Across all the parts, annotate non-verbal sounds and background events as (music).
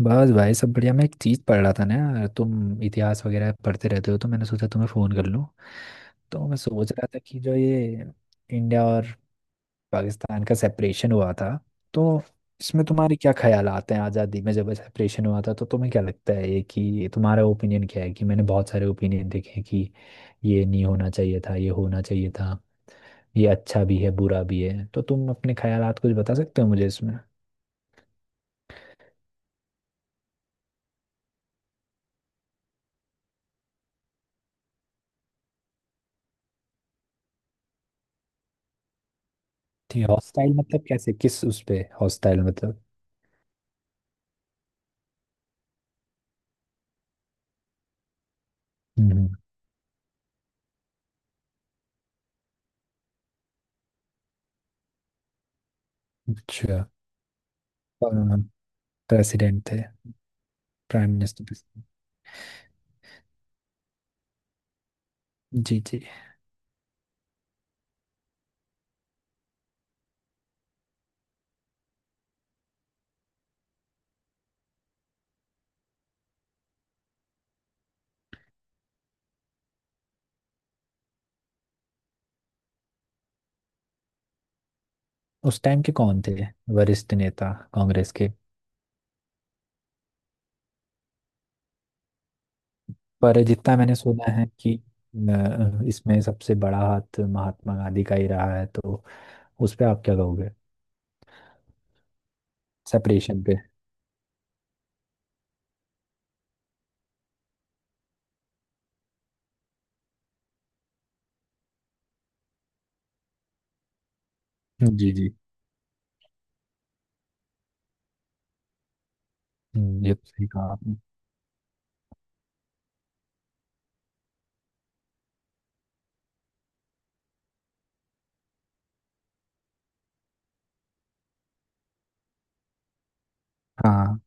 बस भाई सब बढ़िया। मैं एक चीज़ पढ़ रहा था ना यार, तुम इतिहास वगैरह पढ़ते रहते हो तो मैंने सोचा तुम्हें फ़ोन कर लूँ। तो मैं सोच रहा था कि जो ये इंडिया और पाकिस्तान का सेपरेशन हुआ था, तो इसमें तुम्हारे क्या ख्याल आते हैं। आज़ादी में जब सेपरेशन हुआ था तो तुम्हें क्या लगता है ये कि तुम्हारा ओपिनियन क्या है? कि मैंने बहुत सारे ओपिनियन देखे हैं कि ये नहीं होना चाहिए था, ये होना चाहिए था, ये अच्छा भी है बुरा भी है। तो तुम अपने ख्यालात कुछ बता सकते हो मुझे इसमें। थी हॉस्टाइल मतलब कैसे, किस उस पे हॉस्टाइल मतलब? हम्म। अच्छा। और प्रेसिडेंट थे। Prime minister. जी जी। उस टाइम के कौन थे वरिष्ठ नेता कांग्रेस के? पर जितना मैंने सुना है कि इसमें सबसे बड़ा हाथ महात्मा गांधी का ही रहा है, तो उस पे आप क्या कहोगे? सेपरेशन पे। जी जी। ये तो सही कहा आपने। हाँ।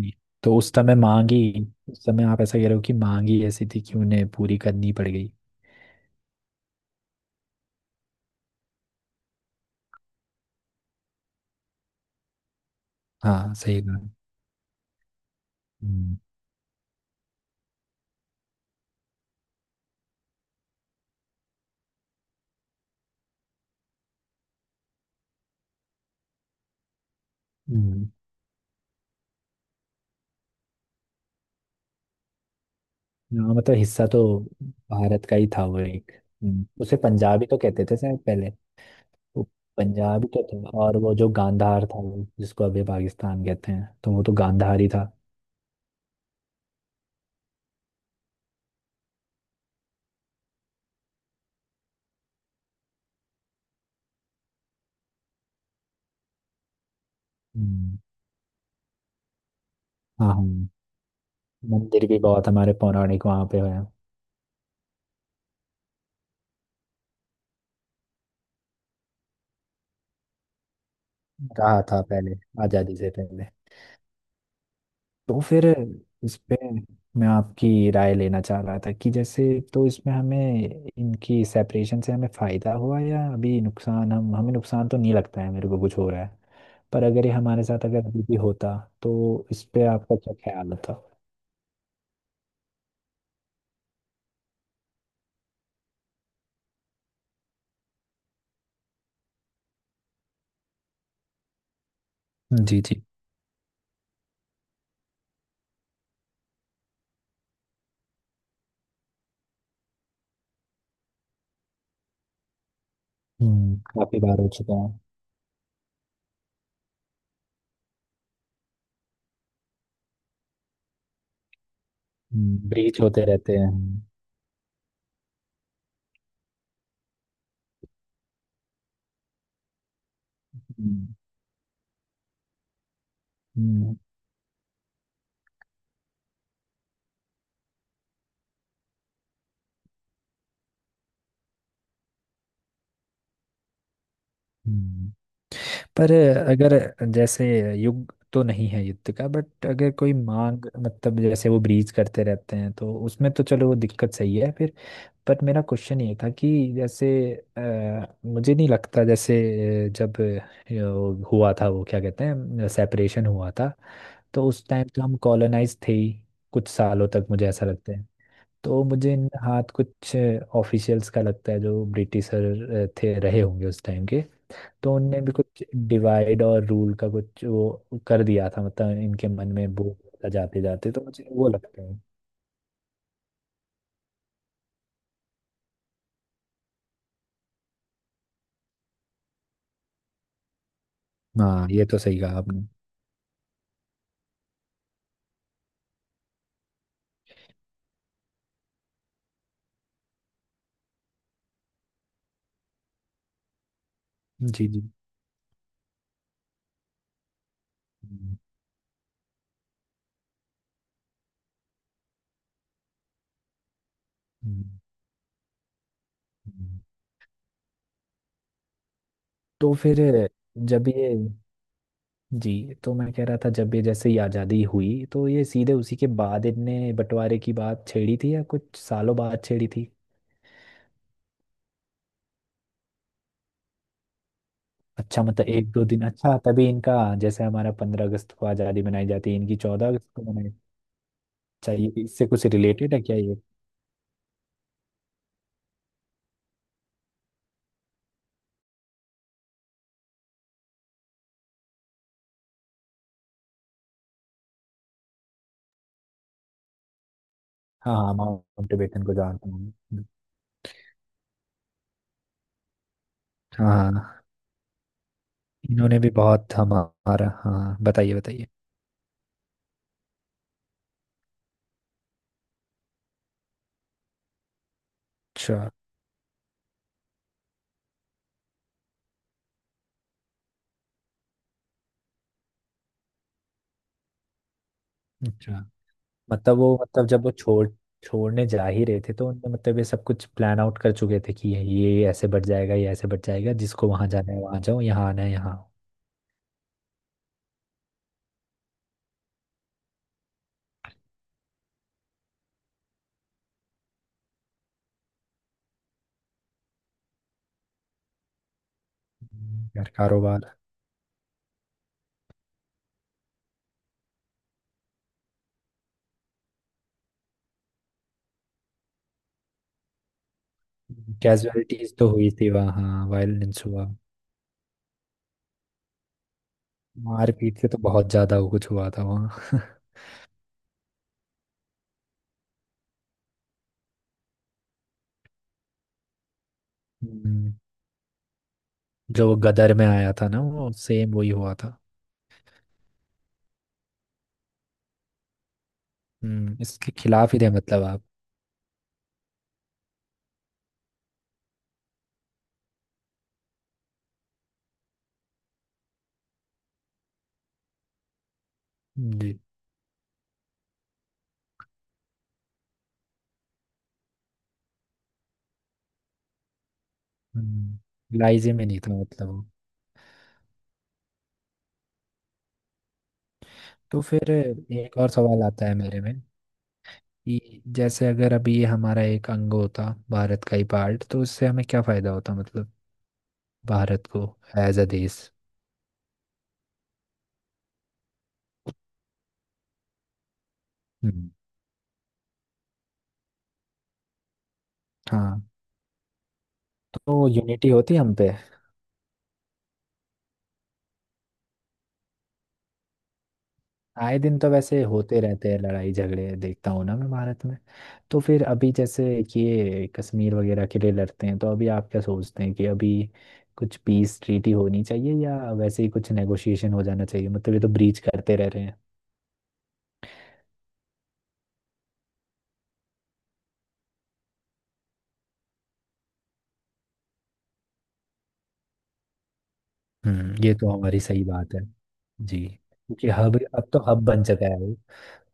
जी। तो उस समय मांग ही, उस समय आप ऐसा कह रहे हो कि मांग ही ऐसी थी कि उन्हें पूरी करनी पड़ गई। हाँ, सही कहा। हम्म। हम्म। हाँ, मतलब हिस्सा तो भारत का ही था वो एक। उसे पंजाबी तो कहते थे शायद पहले। वो पंजाबी तो था, और वो जो गांधार था वो जिसको अभी पाकिस्तान कहते हैं, तो वो तो गांधार ही था। हम्म। हाँ हाँ। मंदिर भी बहुत हमारे पौराणिक वहाँ पे है। रहा था पहले, आज़ादी से पहले। तो फिर इस पे मैं आपकी राय लेना चाह रहा था कि जैसे, तो इसमें हमें इनकी सेपरेशन से हमें फायदा हुआ या अभी नुकसान, हम हमें नुकसान तो नहीं लगता है मेरे को कुछ हो रहा है। पर अगर ये हमारे साथ अगर अभी भी होता, तो इस पे आपका क्या ख्याल होता? जी जी। हम्म, काफी बार हो चुका है। ब्रीच होते रहते हैं। हम्म। हम्म। हम्म। हम्म। पर अगर जैसे युग तो नहीं है युद्ध का, बट अगर कोई मांग मतलब जैसे वो ब्रीज करते रहते हैं तो उसमें तो चलो वो दिक्कत सही है फिर। पर मेरा क्वेश्चन ये था कि जैसे मुझे नहीं लगता जैसे जब यो हुआ था वो क्या कहते हैं, सेपरेशन हुआ था। तो उस टाइम तो हम कॉलोनाइज थे ही कुछ सालों तक, मुझे ऐसा लगता है। तो मुझे इन हाथ कुछ ऑफिशियल्स का लगता है, जो ब्रिटिशर थे रहे होंगे उस टाइम के। तो उनने भी कुछ डिवाइड और रूल का कुछ वो कर दिया था, मतलब इनके मन में वो होता जाते जाते, तो मुझे वो लगता है। हाँ, ये तो सही कहा आपने। जी जी। हम्म, हम्म, हम्म। तो फिर जब ये, जी तो मैं कह रहा था जब ये जैसे ही आज़ादी हुई, तो ये सीधे उसी के बाद इनने बंटवारे की बात छेड़ी थी या कुछ सालों बाद छेड़ी थी? अच्छा, मतलब एक दो दिन। अच्छा तभी इनका। जैसे हमारा 15 अगस्त को आज़ादी मनाई जाती है, इनकी 14 अगस्त को मनाई चाहिए। इससे कुछ रिलेटेड है क्या ये? हाँ हाँ, माउंट बेटन को जानता हूँ। हाँ हाँ। इन्होंने भी बहुत हमारा, हाँ बताइए बताइए। अच्छा। अच्छा मतलब वो, मतलब जब वो छोड़ छोड़ने जा ही रहे थे, तो उनने मतलब ये सब कुछ प्लान आउट कर चुके थे कि ये ऐसे बढ़ जाएगा, ये ऐसे बढ़ जाएगा, जिसको वहां जाना है वहां जाओ, यहाँ आना है यहाँ आओ। यार कारोबार। कैजुअलिटीज तो हुई थी वहाँ, हाँ वायलेंस हुआ। मारपीट से तो बहुत ज्यादा वो कुछ हुआ था वहाँ (laughs) हम्म, जो वो गदर में आया था ना वो सेम वही हुआ था। हम्म, इसके खिलाफ ही थे मतलब आप? जी। हम्म, लाइजे में नहीं था मतलब वो। तो फिर एक और सवाल आता है मेरे में कि जैसे अगर अभी ये हमारा एक अंग होता, भारत का ही पार्ट, तो उससे हमें क्या फायदा होता, मतलब भारत को, एज अ देश। हम्म। हाँ, तो यूनिटी होती हम पे। आए दिन तो वैसे होते रहते हैं लड़ाई झगड़े, देखता हूँ ना मैं भारत में। तो फिर अभी जैसे कि ये कश्मीर वगैरह के लिए लड़ते हैं, तो अभी आप क्या सोचते हैं कि अभी कुछ पीस ट्रीटी होनी चाहिए या वैसे ही कुछ नेगोशिएशन हो जाना चाहिए, मतलब ये तो ब्रीच करते रह रहे हैं। हम्म, ये तो हमारी सही बात है। जी। क्योंकि हब अब तो हब बन चुका है वो।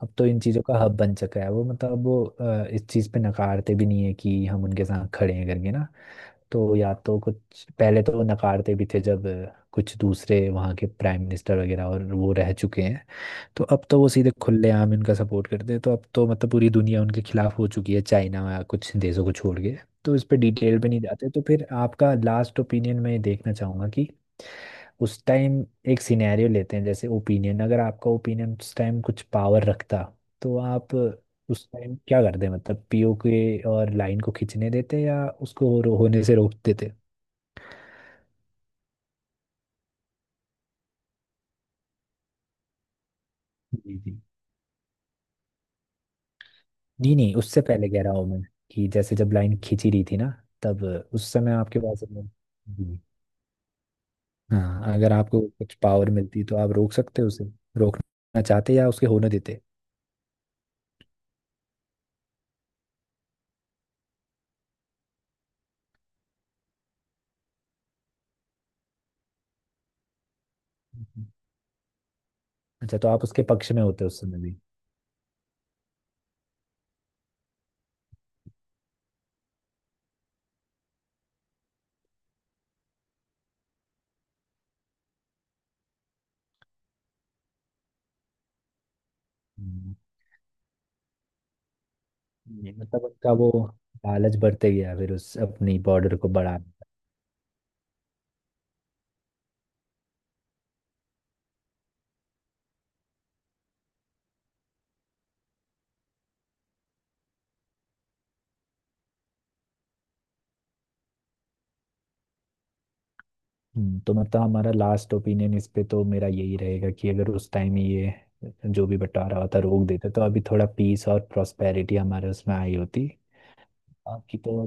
अब तो इन चीज़ों का हब बन चुका है वो, मतलब वो इस चीज़ पे नकारते भी नहीं है कि हम उनके साथ खड़े हैं करके ना। तो या तो कुछ पहले तो वो नकारते भी थे, जब कुछ दूसरे वहाँ के प्राइम मिनिस्टर वगैरह और वो रह चुके हैं। तो अब तो वो सीधे खुलेआम इनका सपोर्ट करते हैं, तो अब तो मतलब पूरी दुनिया उनके खिलाफ हो चुकी है, चाइना या कुछ देशों को छोड़ के। तो इस पे डिटेल पे नहीं जाते, तो फिर आपका लास्ट ओपिनियन मैं देखना चाहूंगा कि उस टाइम एक सिनेरियो लेते हैं, जैसे ओपिनियन, अगर आपका ओपिनियन उस टाइम कुछ पावर रखता, तो आप उस टाइम क्या करते, मतलब पीओके और लाइन को खींचने देते या उसको होने से रोक देते? जी जी। नहीं नहीं, उससे पहले कह रहा हूँ मैं, कि जैसे जब लाइन खींची रही थी ना, तब उस समय आपके पास अपने-। जी। हाँ, अगर आपको कुछ पावर मिलती तो आप रोक सकते हो उसे? रोकना चाहते या उसके होने देते? हम्म। अच्छा, तो आप उसके पक्ष में होते उस समय भी? हम्म। ये मतलब उनका वो लालच बढ़ते गया, फिर उस अपनी बॉर्डर को बढ़ा। तो मतलब हमारा लास्ट ओपिनियन इस पे तो मेरा यही रहेगा कि अगर उस टाइम ये जो भी बंटवारा होता रोक देते, तो अभी थोड़ा पीस और प्रोस्पेरिटी हमारे उसमें आई होती। बाकी तो,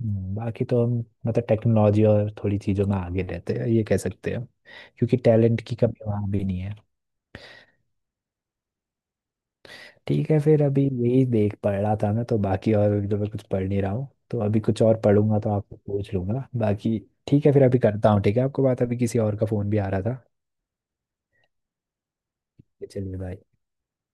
बाकी तो हम, मतलब टेक्नोलॉजी और थोड़ी चीज़ों में आगे रहते हैं ये कह सकते हैं हम। क्योंकि टैलेंट की कमी वहाँ भी नहीं है। ठीक है फिर, अभी यही देख पढ़ रहा था ना तो बाकी, और अभी तो मैं कुछ पढ़ नहीं रहा हूँ तो अभी कुछ और पढ़ूंगा तो आपको पूछ लूंगा बाकी। ठीक है फिर, अभी करता हूँ। ठीक है आपको बात, अभी किसी और का फ़ोन भी आ रहा था। चलिए बाय।